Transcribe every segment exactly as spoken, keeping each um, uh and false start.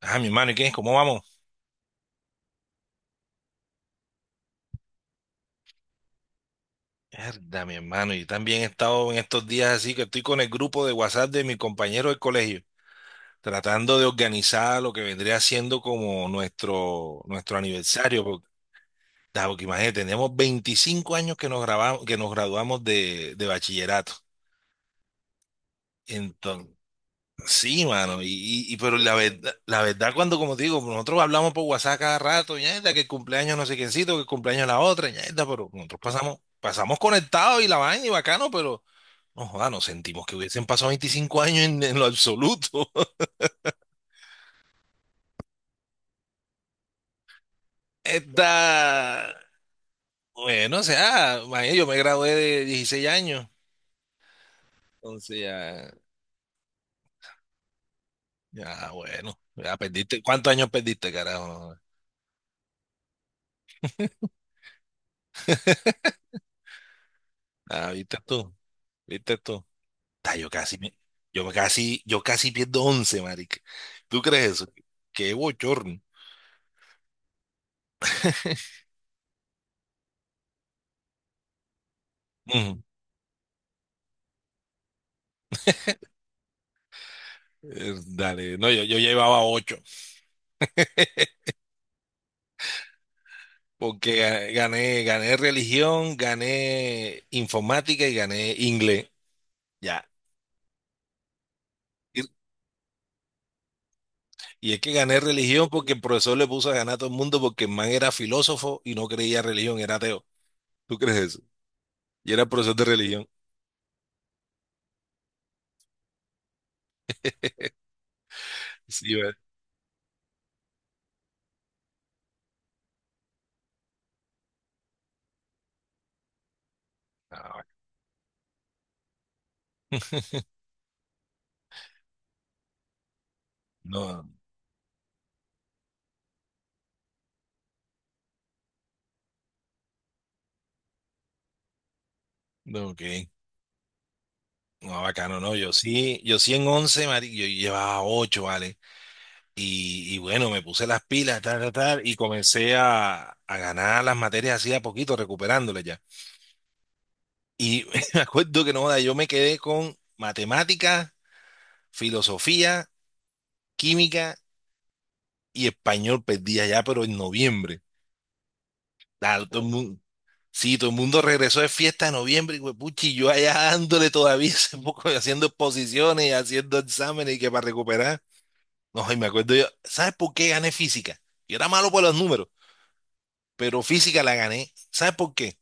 Ah, mi hermano, ¿y qué? ¿Cómo vamos? Mierda, mi hermano, yo también he estado en estos días, así que estoy con el grupo de WhatsApp de mi compañero del colegio, tratando de organizar lo que vendría siendo como nuestro, nuestro aniversario, porque, da, porque imagínate, tenemos veinticinco años que nos grabamos, que nos graduamos de de bachillerato. Entonces. Sí, mano, y, y- y pero la verdad, la verdad cuando, como te digo, nosotros hablamos por WhatsApp cada rato, ñaeta, que el cumpleaños no sé quiéncito, que el cumpleaños la otra, ñaeta, pero nosotros pasamos, pasamos conectados y la vaina y bacano, pero no joda, nos sentimos que hubiesen pasado veinticinco años, en en lo absoluto. Está, bueno, o sea, imagínate, yo me gradué de dieciséis años, entonces ya, ya, bueno, ya perdiste. ¿Cuántos años perdiste, carajo? Ah, viste tú, viste tú. Ta, yo casi, me- yo me casi, yo casi pierdo once, marica. ¿Tú crees eso? Qué bochorno. Ujú. Eh, Dale, no, yo, yo llevaba ocho porque ga- gané, gané religión, gané informática y gané inglés. Ya. Y, y es que gané religión porque el profesor le puso a ganar a todo el mundo, porque el man era filósofo y no creía en religión, era ateo. ¿Tú crees eso? Y era profesor de religión. Sí, ¿verdad? Ah, no, no, ok. No, bacano, no. Yo sí, yo sí en once mari- yo llevaba ocho, ¿vale? Y, y bueno, me puse las pilas, tal, tal, tal, y comencé a a ganar las materias así a poquito, recuperándolas ya. Y me acuerdo que no, joda, yo me quedé con matemáticas, filosofía, química y español, perdía ya, pero en noviembre. Claro, todo el Oh. mundo, sí, todo el mundo regresó de fiesta en noviembre, y huepuchi, yo allá dándole todavía ese poco, haciendo exposiciones, haciendo exámenes, y que para recuperar. No, y me acuerdo yo, ¿sabes por qué gané física? Yo era malo por los números, pero física la gané. ¿Sabes por qué?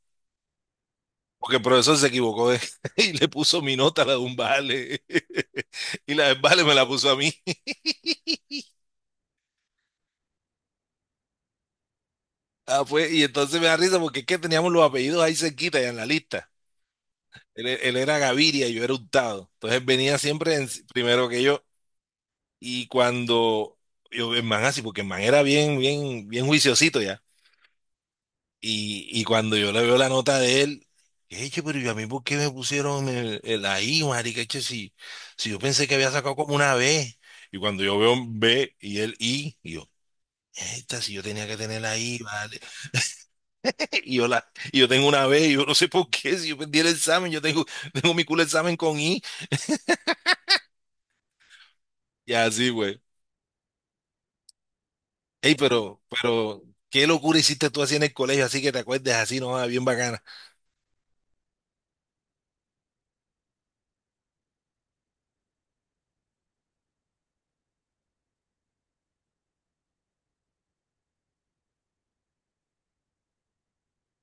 Porque el profesor se equivocó de- y le puso mi nota a la de un vale. Y la del vale me la puso a mí. Ah, pues, y entonces me da risa porque es que teníamos los apellidos ahí cerquita, ya en la lista. Él, e- él era Gaviria y yo era Hurtado. Entonces venía siempre en- primero que yo. Y cuando yo, el man así, porque el man era bien, bien, bien juiciosito ya. Y, y cuando yo le veo la nota de él, eche, pero yo, a mí, ¿por qué me pusieron el, el ahí, marica? Eche, si, si yo pensé que había sacado como una B. Y cuando yo veo un B y el I, y yo, esta, si yo tenía que tener la I, vale. Y yo, la, y yo tengo una B, y yo no sé por qué, si yo perdí el examen, yo tengo, tengo mi culo examen con I. Y así, güey. Ey, pero, pero, qué locura hiciste tú así en el colegio, así que te acuerdes. Así, no. Ah, bien bacana.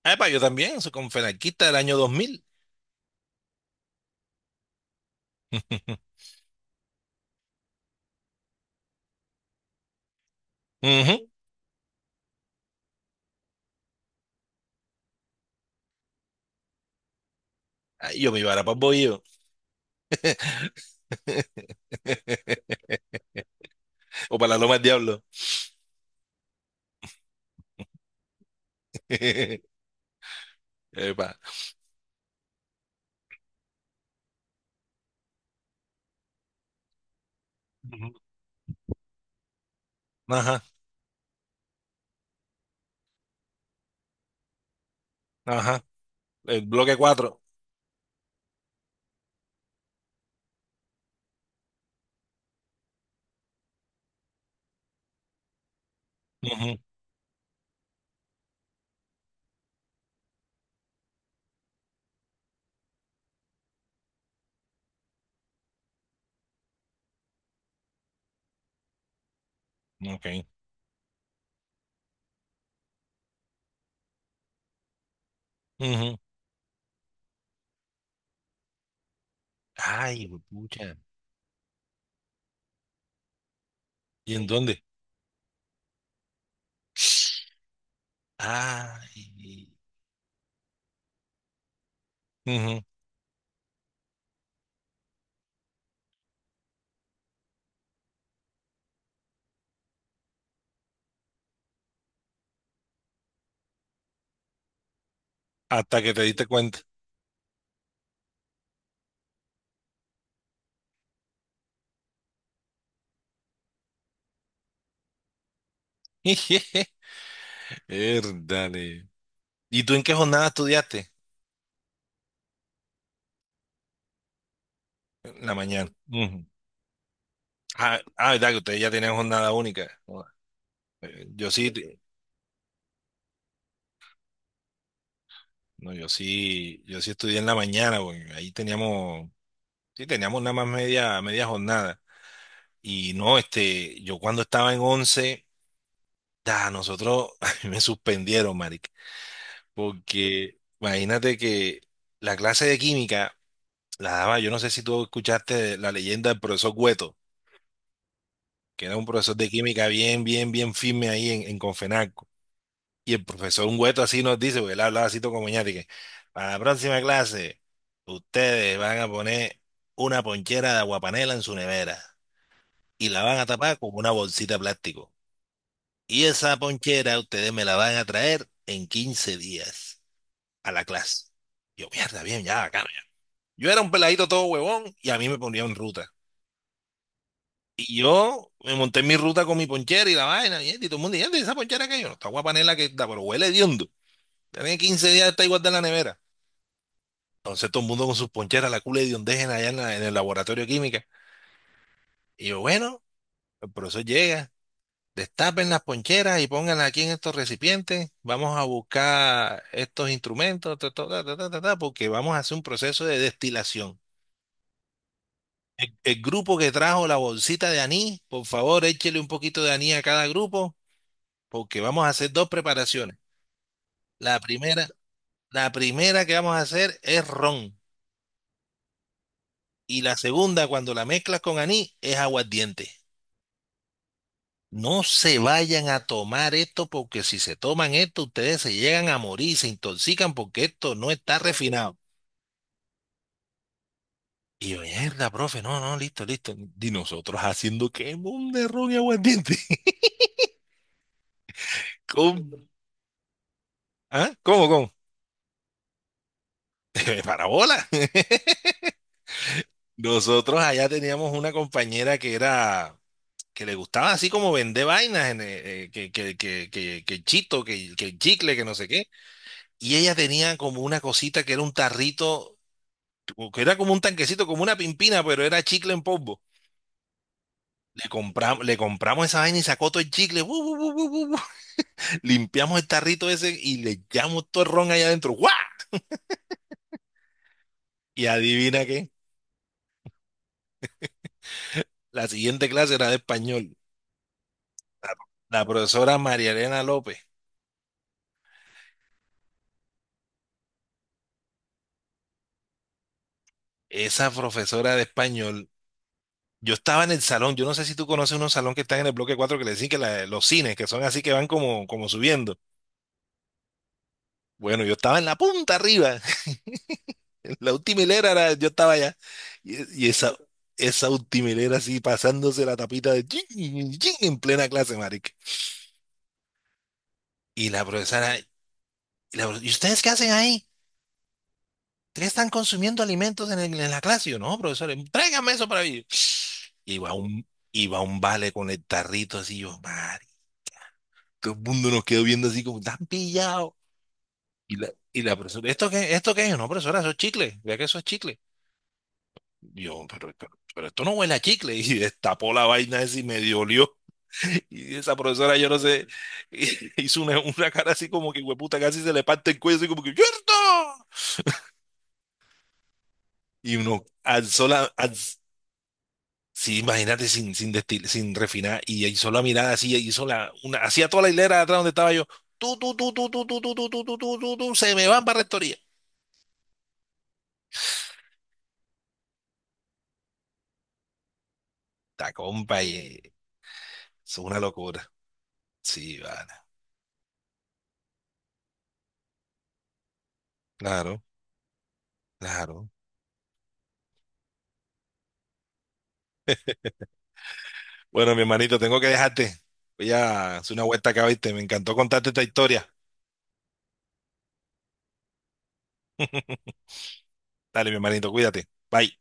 Ah, pa, yo también, soy con fenarquista del año dos mil. Ujú. Ay, yo me iba a para Bohío. O para la Loma del Diablo. Epa. Ujú. Ajá, ajá. El bloque cuatro. Ok. Ujú. Ay, pucha. ¿Y en dónde? Ay. Ujú. Hasta que te diste cuenta. Dale. ¿Y tú en qué jornada estudiaste? En la mañana. Ujú. Ah, ah, verdad que ustedes ya tienen jornada única. Joda. Eh, Yo sí, eh, no, yo sí, yo sí estudié en la mañana, porque ahí teníamos... Sí, teníamos nada más media, media jornada. Y no, este, yo cuando estaba en once da, nosotros, a mí me suspendieron, marica. Porque imagínate que la clase de química la daba... Yo no sé si tú escuchaste la leyenda del profesor Güeto, que era un profesor de química bien, bien, bien firme ahí en en Confenalco. Y el profesor Güeto así nos dice, porque él hablaba así todo como ñate, que para la próxima clase, ustedes van a poner una ponchera de aguapanela en su nevera, y la van a tapar con una bolsita de plástico. Y esa ponchera ustedes me la van a traer en quince días a la clase. Yo, mierda, bien, ya, bacano, ya. Yo era un peladito todo huevón y a mí me ponía en ruta. Y yo me monté en mi ruta con mi ponchera y la vaina, y y todo el mundo, y esa ponchera que yo, no, está guapanela que está, pero huele hediondo. Tiene quince días, está igual de en la nevera. Entonces todo el mundo con sus poncheras, la cula de hediondez allá en la- en el laboratorio de química. Y yo, bueno, el profesor llega: destapen las poncheras y pónganlas aquí en estos recipientes. Vamos a buscar estos instrumentos, ta, ta, ta, ta, ta, ta, ta, porque vamos a hacer un proceso de destilación. El, el grupo que trajo la bolsita de anís, por favor, échele un poquito de anís a cada grupo, porque vamos a hacer dos preparaciones. La primera, la primera que vamos a hacer es ron, y la segunda, cuando la mezclas con anís, es aguardiente. No se vayan a tomar esto, porque si se toman esto, ustedes se llegan a morir, se intoxican porque esto no está refinado. Y yo, mierda, profe, no, no, listo, listo. Y nosotros haciendo que mon de ron y aguardiente. ¿Cómo? ¿Ah? ¿Cómo, cómo? Parabola. Nosotros allá teníamos una compañera que era... Que le gustaba así como vender vainas, en, eh, eh, que, que, que, que, que el chito, que, que el chicle, que no sé qué. Y ella tenía como una cosita que era un tarrito, o que era como un tanquecito, como una pimpina, pero era chicle en polvo. Le compramos, le compramos esa vaina y sacó todo el chicle, bu, bu, bu, bu, bu, bu. Limpiamos el tarrito ese y le echamos todo el ron allá adentro. ¡Guau! Y adivina qué, la siguiente clase era de español. La profesora María Elena López, esa profesora de español... Yo estaba en el salón. Yo no sé si tú conoces unos salón que están en el bloque cuatro, que le dicen que la- los cines, que son así, que van como, como subiendo. Bueno, yo estaba en la punta arriba. La última hilera era, yo estaba allá. Y, y esa, esa última hilera así pasándose la tapita de chin, chin, chin, en plena clase, marica. Y la profesora, y la profe- ¿y ustedes qué hacen ahí? ¿Ustedes están consumiendo alimentos en el- en la clase? Y yo, no, profesor, tráigame eso para mí. Iba un, iba un vale con el tarrito así, yo, marica. Todo el mundo nos quedó viendo así como, tan pillado. Y la, y la profesora, ¿esto qué, esto qué es? No, profesora, eso es chicle. Vea que eso es chicle. Yo, pero, pero, pero esto no huele a chicle. Y destapó la vaina esa y me dolió. Y esa profesora, yo no sé, hizo una, una cara así como que, hueputa, casi se le parte el cuello, así como que, ¡cierto! Y uno alzó la. alz- Sí, imagínate, sin, sin, destil- sin refinar. Y hizo la mirada así, hizo la... Una, hacía toda la hilera de atrás donde estaba yo. Tú, tú, tú, tú, tú, tú, tú, tú, tú, tú, tú, tú, tú, se me van para rectoría. Ta, compa, y, eh, es una locura. Sí, vale. Claro, claro. Bueno, mi hermanito, tengo que dejarte. Voy a hacer una vuelta acá, ¿viste? Me encantó contarte esta historia. Dale, mi hermanito, cuídate. Bye.